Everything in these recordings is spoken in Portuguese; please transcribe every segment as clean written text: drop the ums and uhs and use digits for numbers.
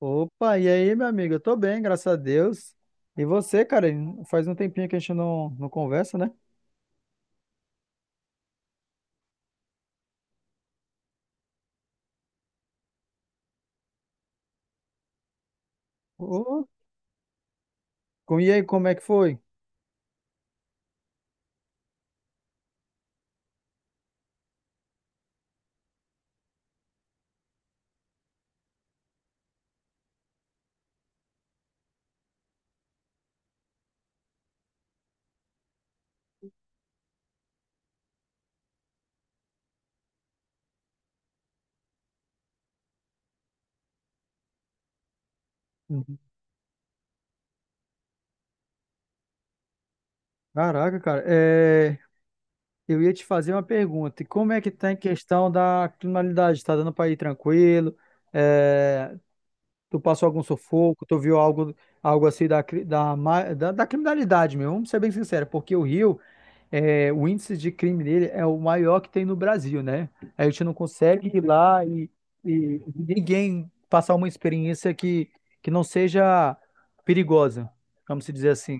Opa, e aí, meu amigo? Eu tô bem, graças a Deus. E você, cara? Faz um tempinho que a gente não conversa, né? Ô, e aí, como é que foi? Uhum. Caraca, cara, é, eu ia te fazer uma pergunta. E como é que tá em questão da criminalidade? Tá dando pra ir tranquilo? É, tu passou algum sufoco? Tu viu algo, algo assim da, da criminalidade mesmo? Vamos ser bem sincero, porque o Rio, é, o índice de crime dele é o maior que tem no Brasil, né? A gente não consegue ir lá e ninguém passar uma experiência que não seja perigosa, vamos se dizer assim.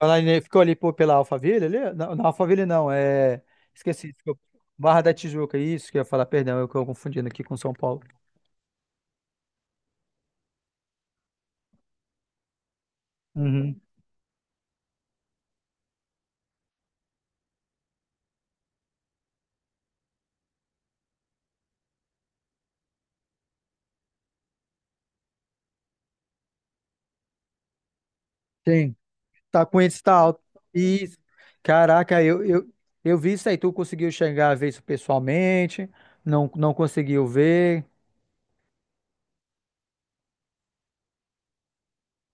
Ela ainda ficou ali pô, pela Alphaville, ali? Não, não, Alphaville não, Esqueci, desculpa. Barra da Tijuca, isso que eu ia falar, perdão, eu estou confundindo aqui com São Paulo. Uhum. Sim. Tá com índice tá alto. Isso. Caraca, eu vi isso aí. Tu conseguiu chegar a ver isso pessoalmente? Não, não conseguiu ver?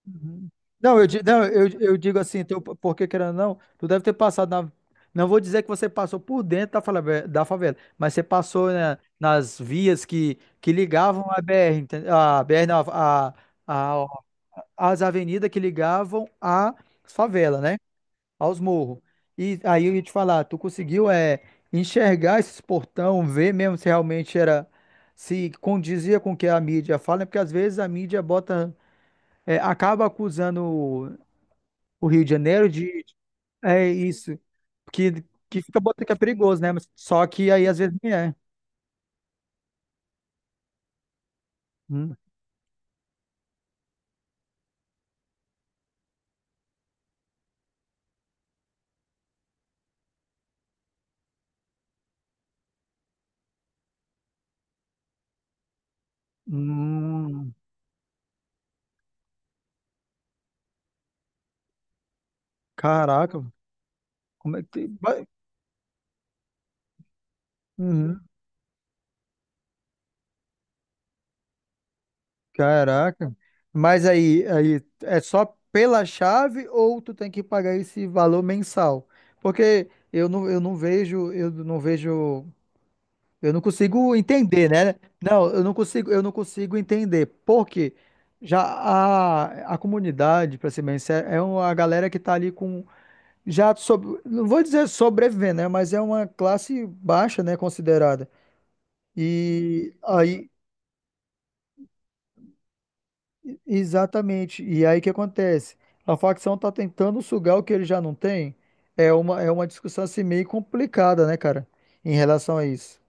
Uhum. Não, não, eu digo assim, teu, porque querendo ou não, tu deve ter passado na. Não vou dizer que você passou por dentro da favela, mas você passou, né, nas vias que ligavam a a BR, não, a- as avenidas que ligavam à favela, né? Aos morros. E aí eu ia te falar, tu conseguiu enxergar esses portão, ver mesmo se realmente era, se condizia com o que a mídia fala, né? Porque às vezes a mídia bota, é, acaba acusando o Rio de Janeiro de, é isso, que, que fica botando que é perigoso, né? Mas só que aí às vezes nem é. Hum, hum, caraca, como é que... Uhum. Caraca. Mas aí é só pela chave ou tu tem que pagar esse valor mensal? Porque eu não vejo, eu não vejo, eu não consigo entender, né? Não, eu não consigo entender. Por quê? Já a comunidade, para ser bem sincero, é uma galera que tá ali com já sobre, não vou dizer sobrevivendo, né? Mas é uma classe baixa, né, considerada. E aí exatamente. E aí o que acontece? A facção tá tentando sugar o que ele já não tem. É uma discussão assim meio complicada, né, cara? Em relação a isso.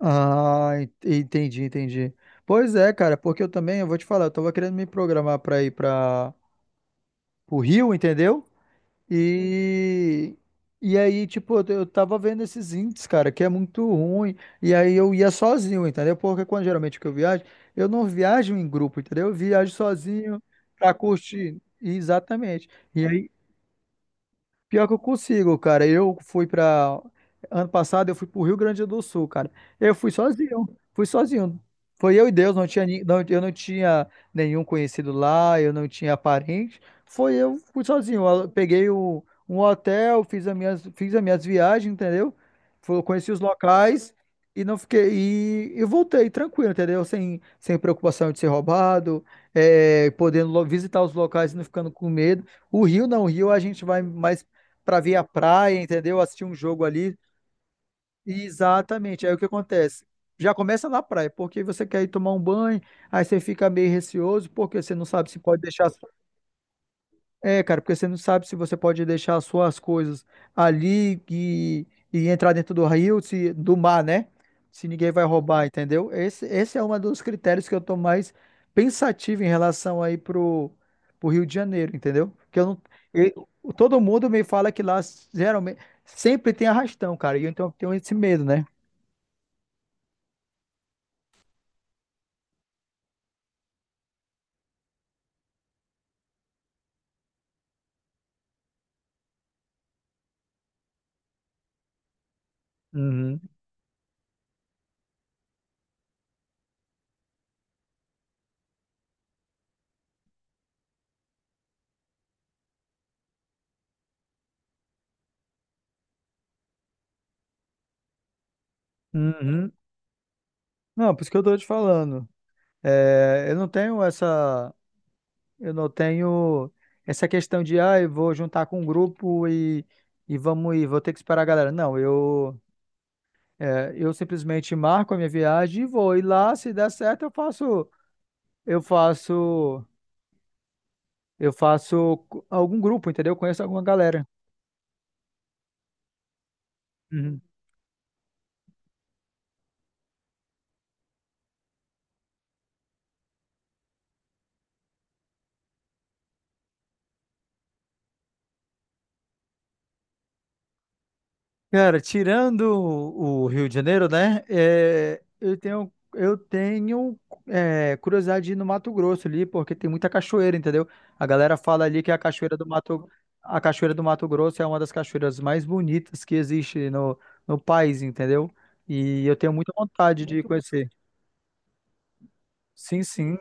Entendi, entendi. Pois é, cara, porque eu também, eu vou te falar, eu tava querendo me programar pra ir pra, pro Rio, entendeu? E, e aí, tipo, eu tava vendo esses índices, cara, que é muito ruim. E aí eu ia sozinho, entendeu? Porque quando geralmente que eu viajo, eu não viajo em grupo, entendeu? Eu viajo sozinho pra curtir. Exatamente. E aí, pior que eu consigo, cara. Eu fui pra. Ano passado eu fui pro Rio Grande do Sul, cara. Eu fui sozinho, fui sozinho. Foi eu e Deus, não, eu não tinha nenhum conhecido lá, eu não tinha parente. Foi eu, fui sozinho. Eu peguei um hotel, fiz as minhas viagens, entendeu? Conheci os locais e não fiquei. E voltei tranquilo, entendeu? Sem preocupação de ser roubado, é, podendo visitar os locais e não ficando com medo. O Rio não, o Rio a gente vai mais para ver a praia, entendeu? Assistir um jogo ali. E exatamente. Aí o que acontece? Já começa na praia, porque você quer ir tomar um banho, aí você fica meio receoso, porque você não sabe se pode deixar é, cara, porque você não sabe se você pode deixar as suas coisas ali e entrar dentro do rio, se, do mar, né? Se ninguém vai roubar, entendeu? Esse é um dos critérios que eu tô mais pensativo em relação aí pro, pro Rio de Janeiro, entendeu? Porque eu não, eu- todo mundo me fala que lá geralmente sempre tem arrastão, cara, então eu tenho esse medo, né? Uhum, uhum. Não, por isso que eu tô te falando. É, eu não tenho essa. Eu não tenho essa questão de, ah, eu vou juntar com um grupo e vamos ir, vou ter que esperar a galera. Não, eu, é, eu simplesmente marco a minha viagem e vou. E lá, se der certo, eu faço, eu faço algum grupo, entendeu? Eu conheço alguma galera. Uhum. Cara, tirando o Rio de Janeiro, né? É, eu tenho é, curiosidade de ir no Mato Grosso ali, porque tem muita cachoeira, entendeu? A galera fala ali que a cachoeira do Mato Grosso é uma das cachoeiras mais bonitas que existe no, no país, entendeu? E eu tenho muita vontade de conhecer. Sim, sim,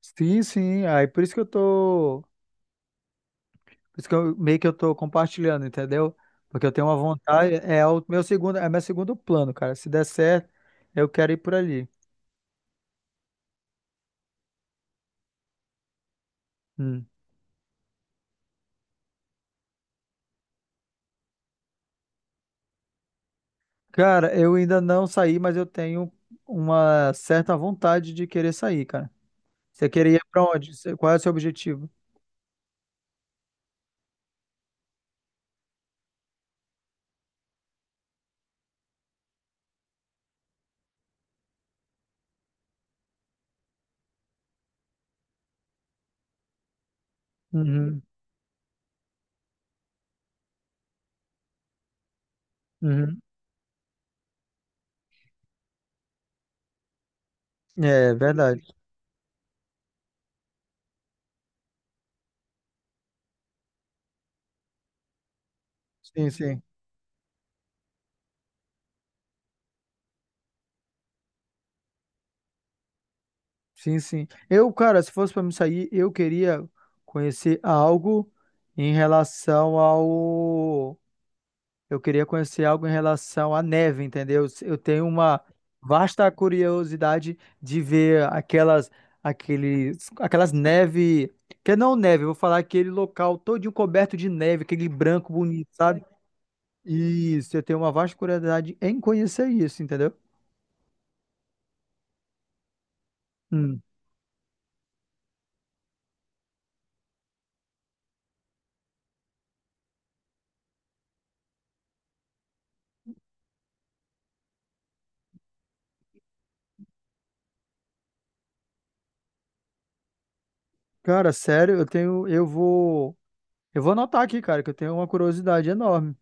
sim, sim. Aí por isso que eu tô por isso que eu, meio que eu tô compartilhando, entendeu? Porque eu tenho uma vontade, é meu segundo plano, cara. Se der certo, eu quero ir por ali. Hum. Cara, eu ainda não saí, mas eu tenho uma certa vontade de querer sair, cara. Você queria ir pra onde? Qual é o seu objetivo? Uhum, uhum. É verdade. Sim, sim. Sim, sim. Eu, cara, se fosse pra me sair, eu queria conhecer algo em relação ao eu queria conhecer algo em relação à neve, entendeu? Eu tenho uma vasta curiosidade de ver aquelas neve, que não neve, eu vou falar aquele local todinho coberto de neve, aquele branco bonito, sabe? Isso, eu tenho uma vasta curiosidade em conhecer isso, entendeu? Hum. Cara, sério, eu vou anotar aqui, cara, que eu tenho uma curiosidade enorme.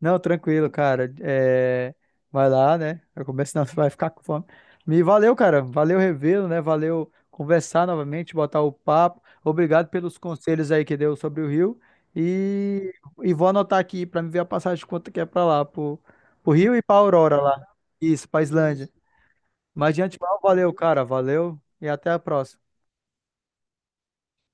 Não, tranquilo, cara. É, vai lá, né? Eu começo, senão você vai ficar com fome. Me valeu, cara. Valeu revê-lo, né? Valeu conversar novamente, botar o papo. Obrigado pelos conselhos aí que deu sobre o Rio. E, e vou anotar aqui pra me ver a passagem de quanto que é pra lá, pro, pro Rio e pra Aurora lá. Isso, pra Islândia. Isso. Mas de antemão, valeu, cara. Valeu e até a próxima.